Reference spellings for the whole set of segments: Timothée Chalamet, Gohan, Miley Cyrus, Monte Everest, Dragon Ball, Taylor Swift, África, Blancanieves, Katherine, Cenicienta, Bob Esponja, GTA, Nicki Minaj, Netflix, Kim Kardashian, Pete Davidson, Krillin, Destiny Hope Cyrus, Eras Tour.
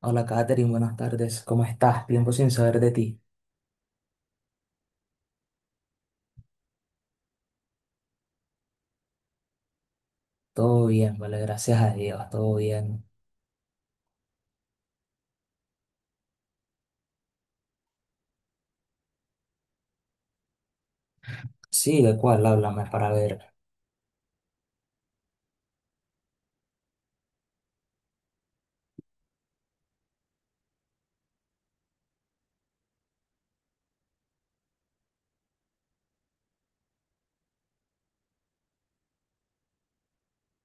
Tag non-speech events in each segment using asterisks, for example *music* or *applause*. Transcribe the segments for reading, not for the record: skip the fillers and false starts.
Hola Katherine, buenas tardes. ¿Cómo estás? Tiempo sin saber de ti. Todo bien, vale, gracias a Dios, todo bien. Sí, ¿de cuál? Háblame para ver.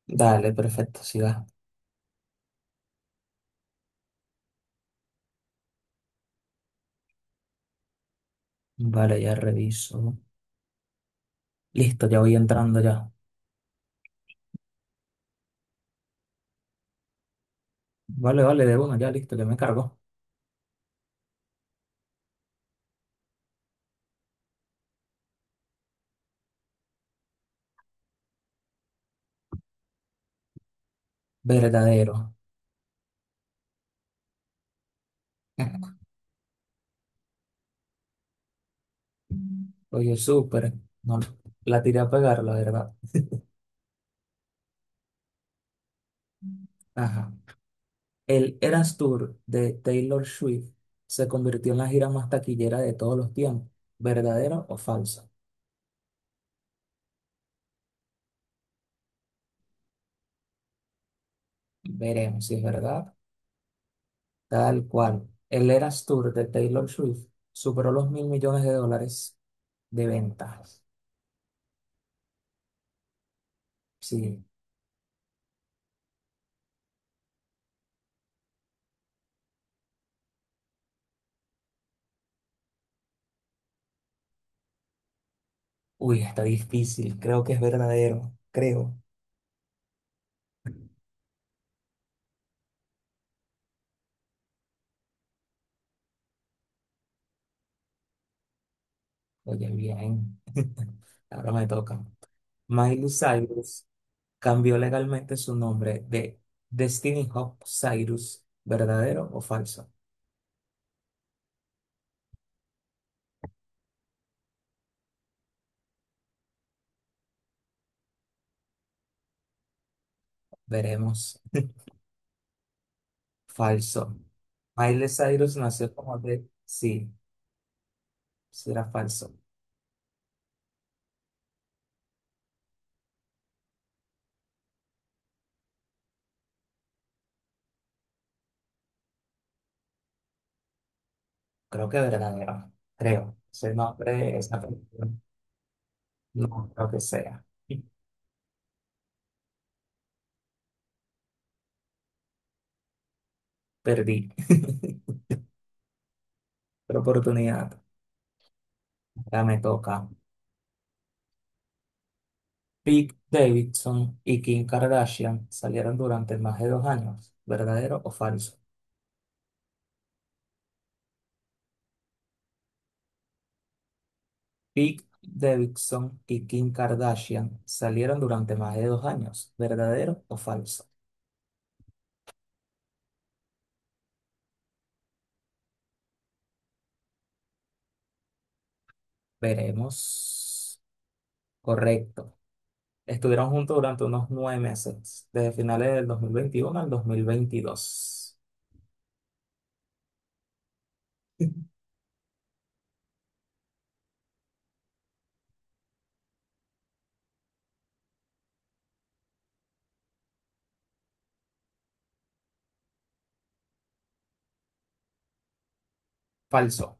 Dale, perfecto, siga. Vale, ya reviso. Listo, ya voy entrando ya. Vale, vale, de uno, ya listo, ya me cargo. Verdadero. *laughs* Oye, súper. No, la tiré a pegar, la verdad. Ajá. El Eras Tour de Taylor Swift se convirtió en la gira más taquillera de todos los tiempos. ¿Verdadero o falso? Veremos si es verdad. Tal cual. El Eras Tour de Taylor Swift superó los mil millones de dólares de ventas. Sí. Uy, está difícil. Creo que es verdadero. Creo. Oye, bien. *laughs* Ahora me toca. Miley Cyrus cambió legalmente su nombre de Destiny Hope Cyrus. ¿Verdadero o falso? Veremos. Falso. Miley Cyrus nació como de... Sí, será falso. Creo que verdadero. Creo. Ese nombre es apellido. No, lo que sea. Perdí. *laughs* Otra oportunidad. Ya me toca. Pete Davidson y Kim Kardashian salieron durante más de 2 años. ¿Verdadero o falso? Pete Davidson y Kim Kardashian salieron durante más de dos años. ¿Verdadero o falso? Veremos. Correcto. Estuvieron juntos durante unos 9 meses, desde finales del 2021 al 2022. *laughs* Falso.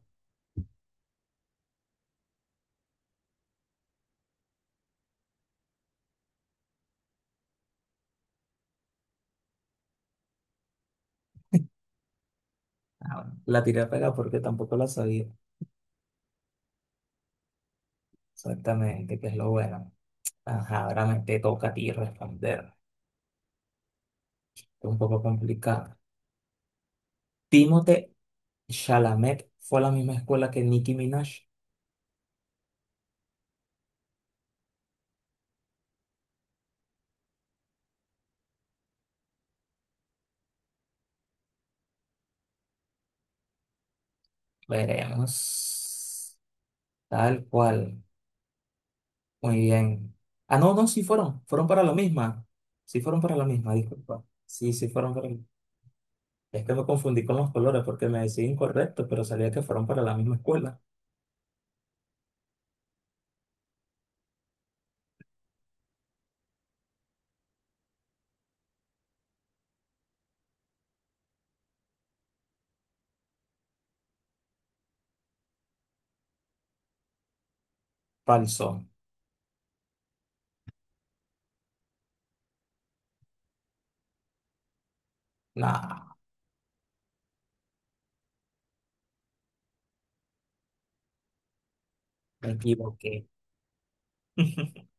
Ah, bueno, la tiré a pegar porque tampoco la sabía. Exactamente, que es lo bueno. Ajá, ahora me te toca a ti responder. Es un poco complicado. Timothée Chalamet fue a la misma escuela que Nicki Minaj. Veremos. Tal cual. Muy bien. Ah, no, no, sí fueron. Fueron para la misma. Sí fueron para la misma, disculpa. Sí, sí fueron para la misma. Es que me confundí con los colores porque me decía incorrecto, pero sabía que fueron para la misma escuela. Falso. Nah, me equivoqué. *laughs*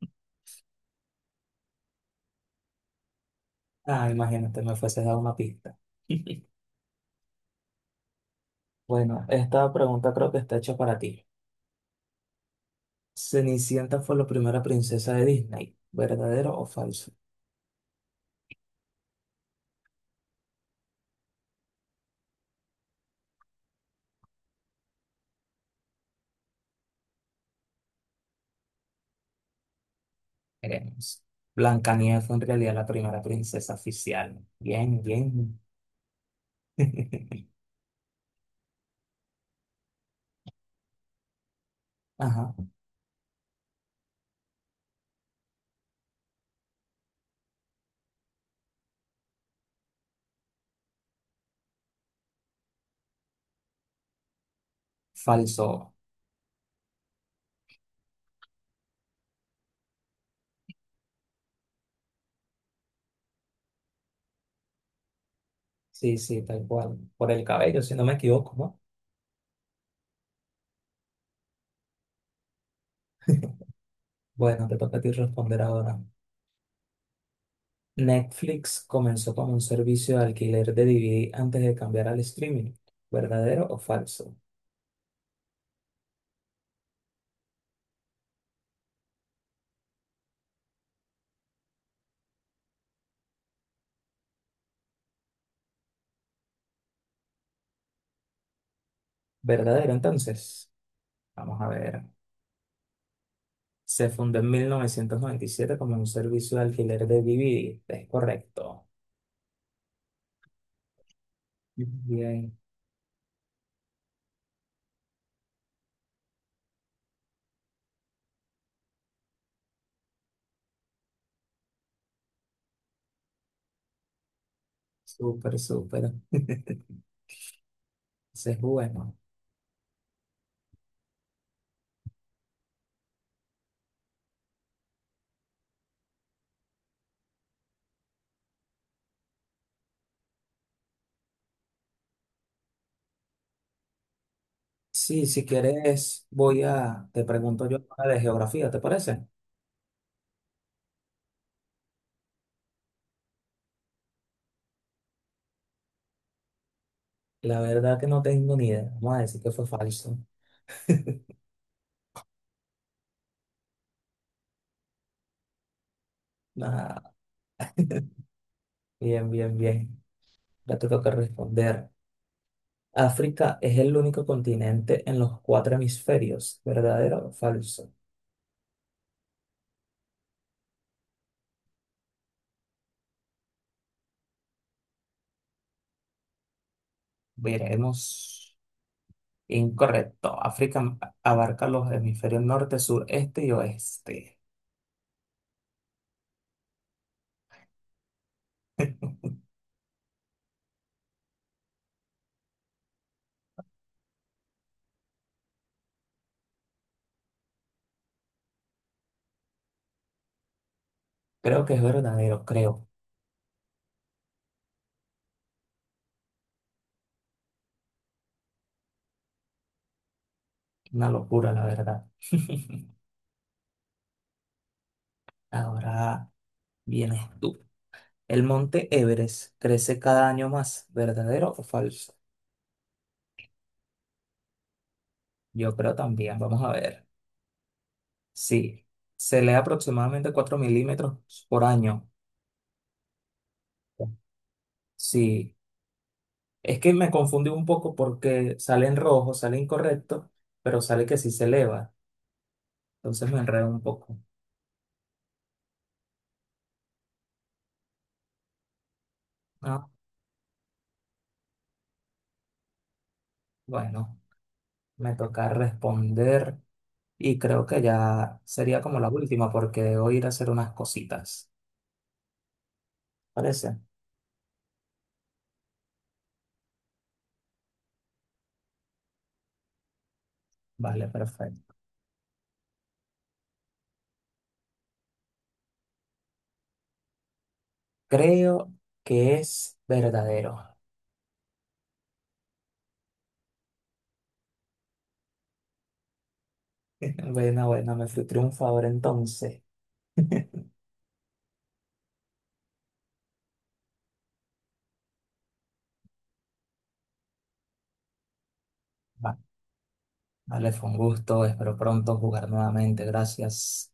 Ah, imagínate, me fuese dado una pista. *laughs* Bueno, esta pregunta creo que está hecha para ti. Cenicienta fue la primera princesa de Disney, ¿verdadero o falso? Veremos. Blancanieves fue en realidad la primera princesa oficial. Bien, bien. *laughs* Ajá, falso. Sí, sí, tal cual. Por el cabello, si no me equivoco, ¿no? Bueno, te toca a ti responder ahora. Netflix comenzó como un servicio de alquiler de DVD antes de cambiar al streaming. ¿Verdadero o falso? Verdadero, entonces. Vamos a ver. Se fundó en 1997 como un servicio de alquiler de DVD. Es correcto. Bien, súper, súper. *laughs* Ese es bueno. Sí, si quieres, te pregunto yo ahora de geografía, ¿te parece? La verdad que no tengo ni idea. Vamos a decir que fue falso. Ah, bien, bien, bien. Ya te toca responder. África es el único continente en los cuatro hemisferios. ¿Verdadero o falso? Veremos. Incorrecto. África abarca los hemisferios norte, sur, este y oeste. Creo que es verdadero, creo. Una locura, la verdad. *laughs* Ahora vienes tú. El monte Everest crece cada año más, ¿verdadero o falso? Yo creo también. Vamos a ver. Sí. Se lee aproximadamente 4 milímetros por año. Sí. Es que me confundí un poco porque sale en rojo, sale incorrecto, pero sale que sí se eleva. Entonces me enredo un poco. Ah, bueno. Me toca responder y creo que ya sería como la última porque debo ir a hacer unas cositas. ¿Parece? Vale, perfecto. Creo que es verdadero. *laughs* Bueno, bueno, me fui triunfador entonces. Va, vale, fue un gusto. Espero pronto jugar nuevamente. Gracias.